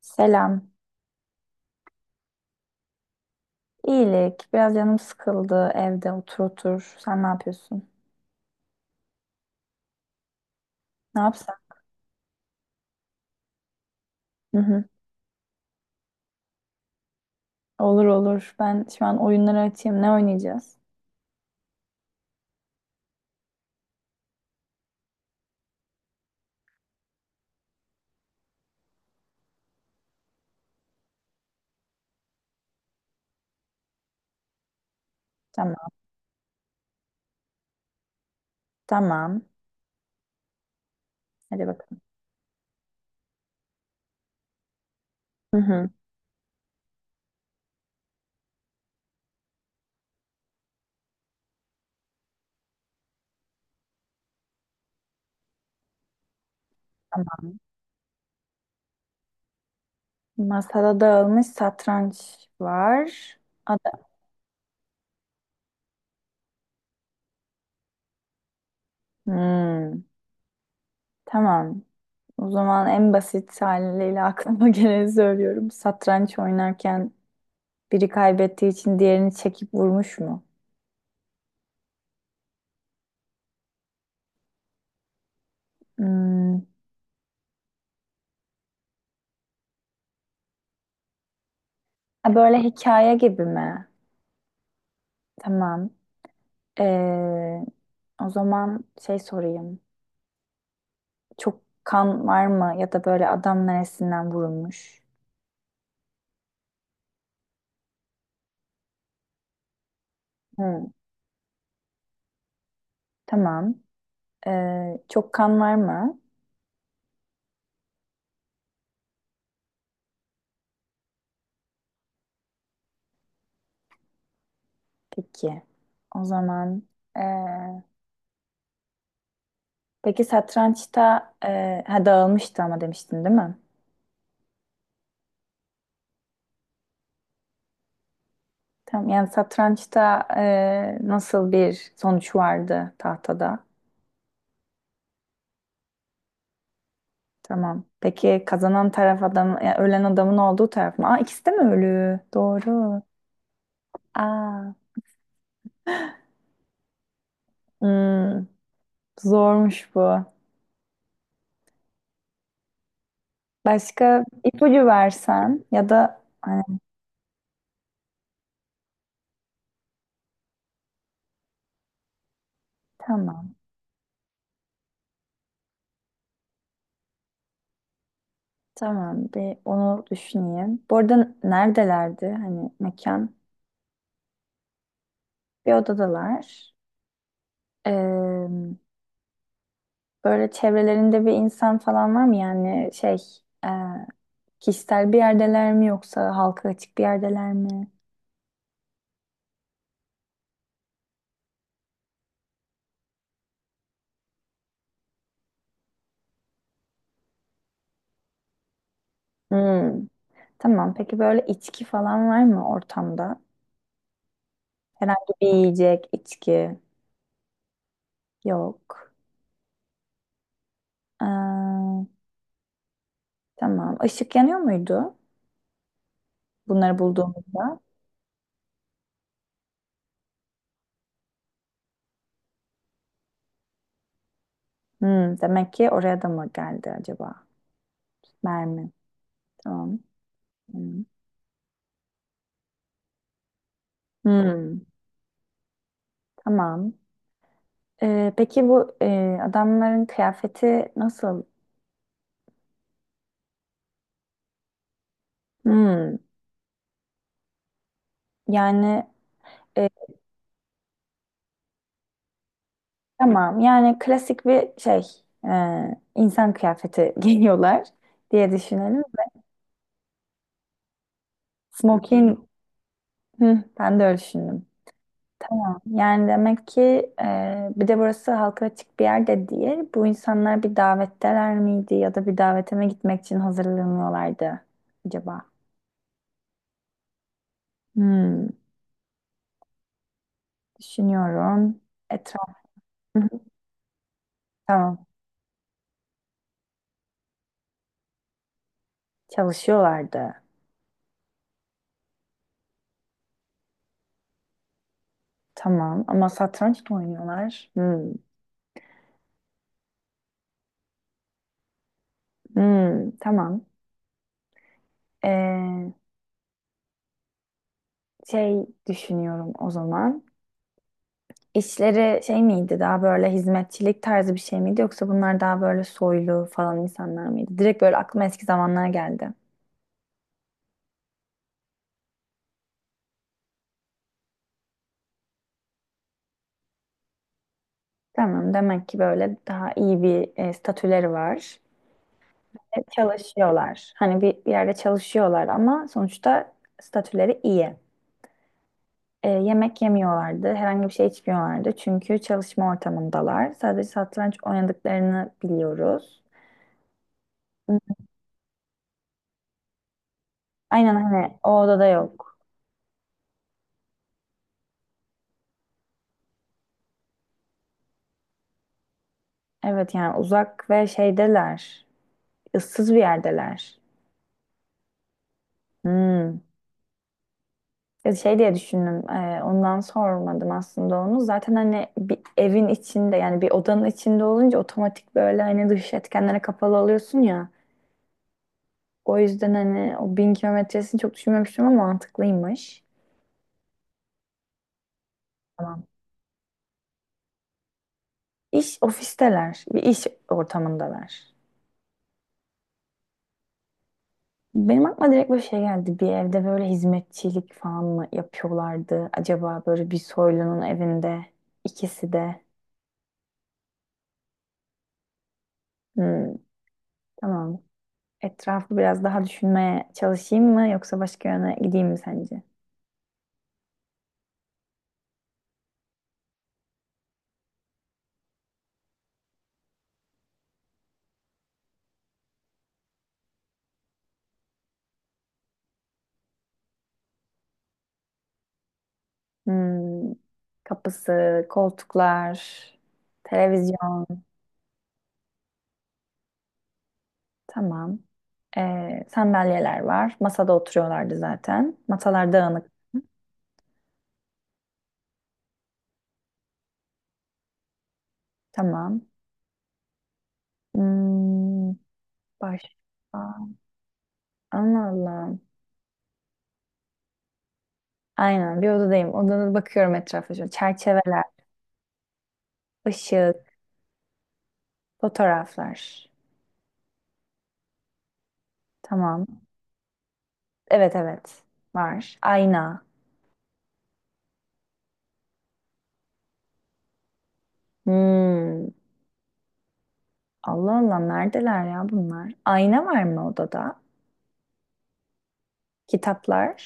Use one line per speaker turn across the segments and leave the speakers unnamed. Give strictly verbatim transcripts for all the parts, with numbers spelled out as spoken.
Selam. İyilik. Biraz canım sıkıldı evde otur otur. Sen ne yapıyorsun? Ne yapsam? Hı hı. Olur olur. Ben şu an oyunları açayım. Ne oynayacağız? Tamam. Tamam. Hadi bakalım. Hı hı. Tamam. Masada dağılmış satranç var. Ada. Hmm. Tamam. O zaman en basit haliyle aklıma geleni söylüyorum. Satranç oynarken biri kaybettiği için diğerini çekip vurmuş mu? Hmm. Ha, böyle hikaye gibi mi? Tamam. Ee, O zaman şey sorayım. Çok kan var mı ya da böyle adam neresinden vurulmuş? Hı, tamam. Ee, çok kan var mı? Peki. O zaman ee, peki satrançta ee, ha, dağılmıştı ama demiştin değil mi? Tamam. Yani satrançta ee, nasıl bir sonuç vardı tahtada? Tamam. Peki kazanan taraf adam, yani ölen adamın olduğu taraf mı? Aa, ikisi de mi ölü? Doğru. Aa. Hmm. Zormuş bu. Başka ipucu versen ya da hani tamam tamam bir onu düşüneyim. Bu arada neredelerdi hani mekan? Bir odadalar. Ee, Böyle çevrelerinde bir insan falan var mı? Yani şey e, kişisel bir yerdeler mi yoksa halka açık bir yerdeler mi? Hmm. Tamam, peki böyle içki falan var mı ortamda? Herhangi bir yiyecek, içki yok. Tamam. Işık yanıyor muydu bunları bulduğumuzda? Hmm, demek ki oraya da mı geldi acaba? Mermi. Tamam. Hmm. Hmm, tamam. Ee, peki bu e, adamların kıyafeti nasıl? Hmm, yani e, tamam. Yani klasik bir şey e, insan kıyafeti giyiyorlar diye düşünelim. Smoking. Hı, ben de öyle düşündüm. Tamam. Yani demek ki e, bir de burası halka açık bir yerde değil. Bu insanlar bir davetteler miydi ya da bir davete davetime gitmek için hazırlanıyorlardı acaba? Hmm, düşünüyorum. Etraf hı hı, tamam, çalışıyorlardı. Tamam ama satranç da oynuyorlar. Hmm, hmm, tamam. Ee, Şey düşünüyorum o zaman. İşleri şey miydi, daha böyle hizmetçilik tarzı bir şey miydi yoksa bunlar daha böyle soylu falan insanlar mıydı? Direkt böyle aklıma eski zamanlar geldi. Tamam, demek ki böyle daha iyi bir e, statüleri var. E, çalışıyorlar. Hani bir, bir yerde çalışıyorlar ama sonuçta statüleri iyi. E, yemek yemiyorlardı, herhangi bir şey içmiyorlardı çünkü çalışma ortamındalar. Sadece satranç oynadıklarını biliyoruz. Aynen, hani o odada yok. Evet, yani uzak ve şeydeler. Issız bir yerdeler. Hmm. Ya şey diye düşündüm. E, ondan sormadım aslında onu. Zaten hani bir evin içinde yani bir odanın içinde olunca otomatik böyle hani dış etkenlere kapalı oluyorsun ya. O yüzden hani o bin kilometresini çok düşünmemiştim ama mantıklıymış. Tamam. İş ofisteler. Bir iş ortamındalar. Benim aklıma direkt böyle şey geldi. Bir evde böyle hizmetçilik falan mı yapıyorlardı? Acaba böyle bir soylunun evinde ikisi de. Hmm, tamam. Etrafı biraz daha düşünmeye çalışayım mı yoksa başka yöne gideyim mi sence? Hmm, kapısı, koltuklar, televizyon. Tamam. Ee, sandalyeler var. Masada oturuyorlardı zaten. Masalar dağınık. Tamam. Hmm, başka. Allah Allah. Aynen, bir odadayım. Odada bakıyorum etrafa. Şöyle çerçeveler, ışık, fotoğraflar. Tamam. Evet, evet var. Ayna. Hmm. Allah Allah, neredeler ya bunlar? Ayna var mı odada? Kitaplar.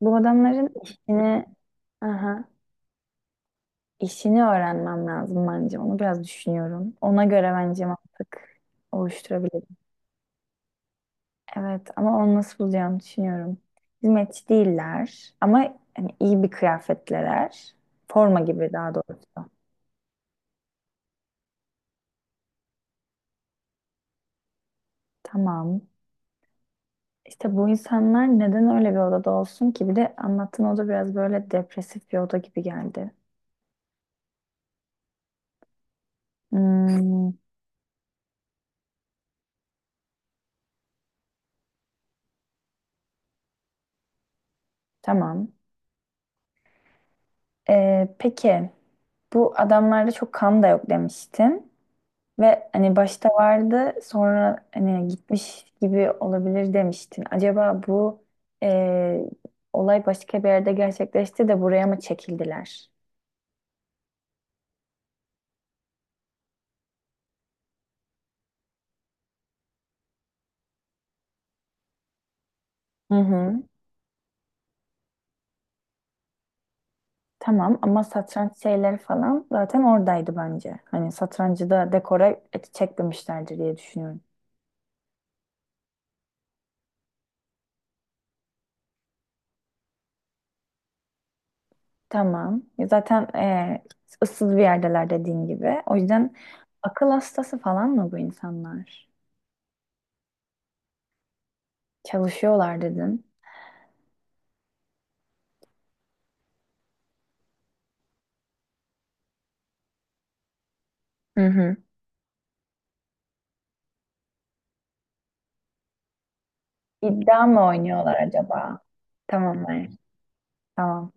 Bu adamların işini aha, işini öğrenmem lazım bence. Onu biraz düşünüyorum. Ona göre bence mantık oluşturabilirim. Evet ama onu nasıl bulacağımı düşünüyorum. Hizmetçi değiller ama hani iyi bir kıyafetliler. Forma gibi daha doğrusu. Tamam. İşte bu insanlar neden öyle bir odada olsun ki? Bir de anlattığın oda biraz böyle depresif bir oda gibi geldi. Hmm, tamam. Ee, peki bu adamlarda çok kan da yok demiştin. Ve hani başta vardı sonra hani gitmiş gibi olabilir demiştin. Acaba bu e, olay başka bir yerde gerçekleşti de buraya mı çekildiler? Hı hı. Tamam ama satranç şeyleri falan zaten oradaydı bence. Hani satrancı da dekora çekmemişlerdir diye düşünüyorum. Tamam. Zaten e, ıssız bir yerdeler dediğin gibi. O yüzden akıl hastası falan mı bu insanlar? Çalışıyorlar dedin. Hı hı. İddia mı oynuyorlar acaba? Tamam, hayır. Tamam.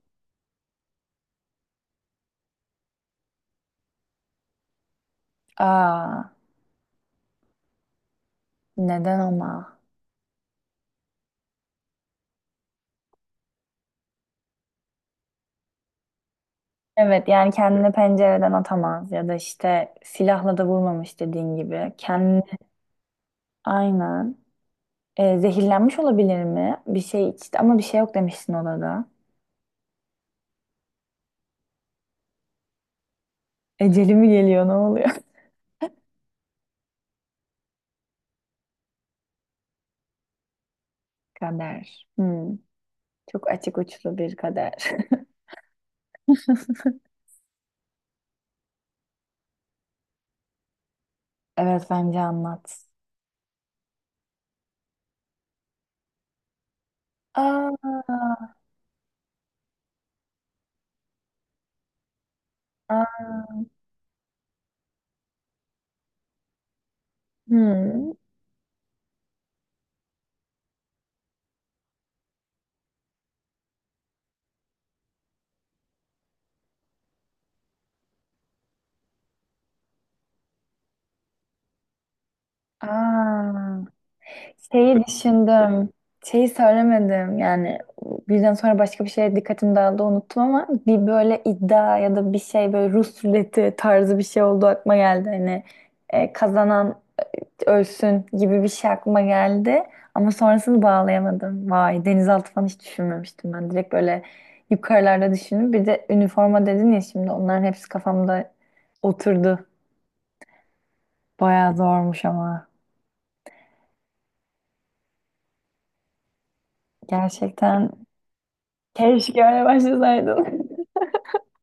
Aa, neden ama? Evet, yani kendini pencereden atamaz ya da işte silahla da vurmamış dediğin gibi. Kendini aynen. E, zehirlenmiş olabilir mi? Bir şey içti ama bir şey yok demiştin odada. Eceli mi geliyor, ne oluyor? Kader. Hmm, çok açık uçlu bir kader. Evet, bence anlat. Aa, aa, hmm, aa. Şeyi düşündüm. Şeyi söylemedim yani birden sonra başka bir şeye dikkatim dağıldı unuttum ama bir böyle iddia ya da bir şey böyle Rus ruleti tarzı bir şey oldu aklıma geldi hani e, kazanan ölsün gibi bir şey aklıma geldi. Ama sonrasını bağlayamadım. Vay, denizaltı falan hiç düşünmemiştim ben. Direkt böyle yukarılarda düşündüm. Bir de üniforma dedin ya, şimdi onların hepsi kafamda oturdu. Bayağı zormuş ama. Gerçekten keşke öyle başlasaydım.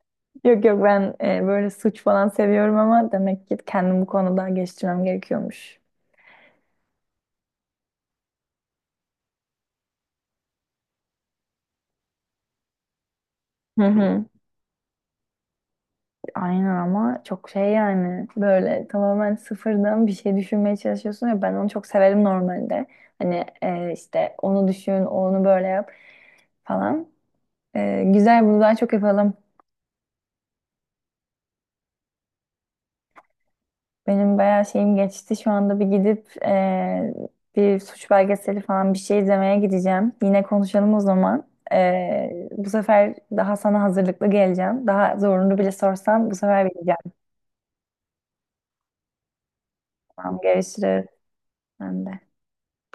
Yok yok, ben e, böyle suç falan seviyorum ama demek ki kendimi bu konuda geliştirmem gerekiyormuş. Hı hı. Aynen ama çok şey, yani böyle tamamen sıfırdan bir şey düşünmeye çalışıyorsun ya, ben onu çok severim normalde. Hani e, işte onu düşün, onu böyle yap falan. E, güzel, bunu daha çok yapalım. Benim bayağı şeyim geçti. Şu anda bir gidip e, bir suç belgeseli falan bir şey izlemeye gideceğim. Yine konuşalım o zaman. E, bu sefer daha sana hazırlıklı geleceğim. Daha zorunu bile sorsam bu sefer bileceğim. Tamam, görüşürüz. Ben de.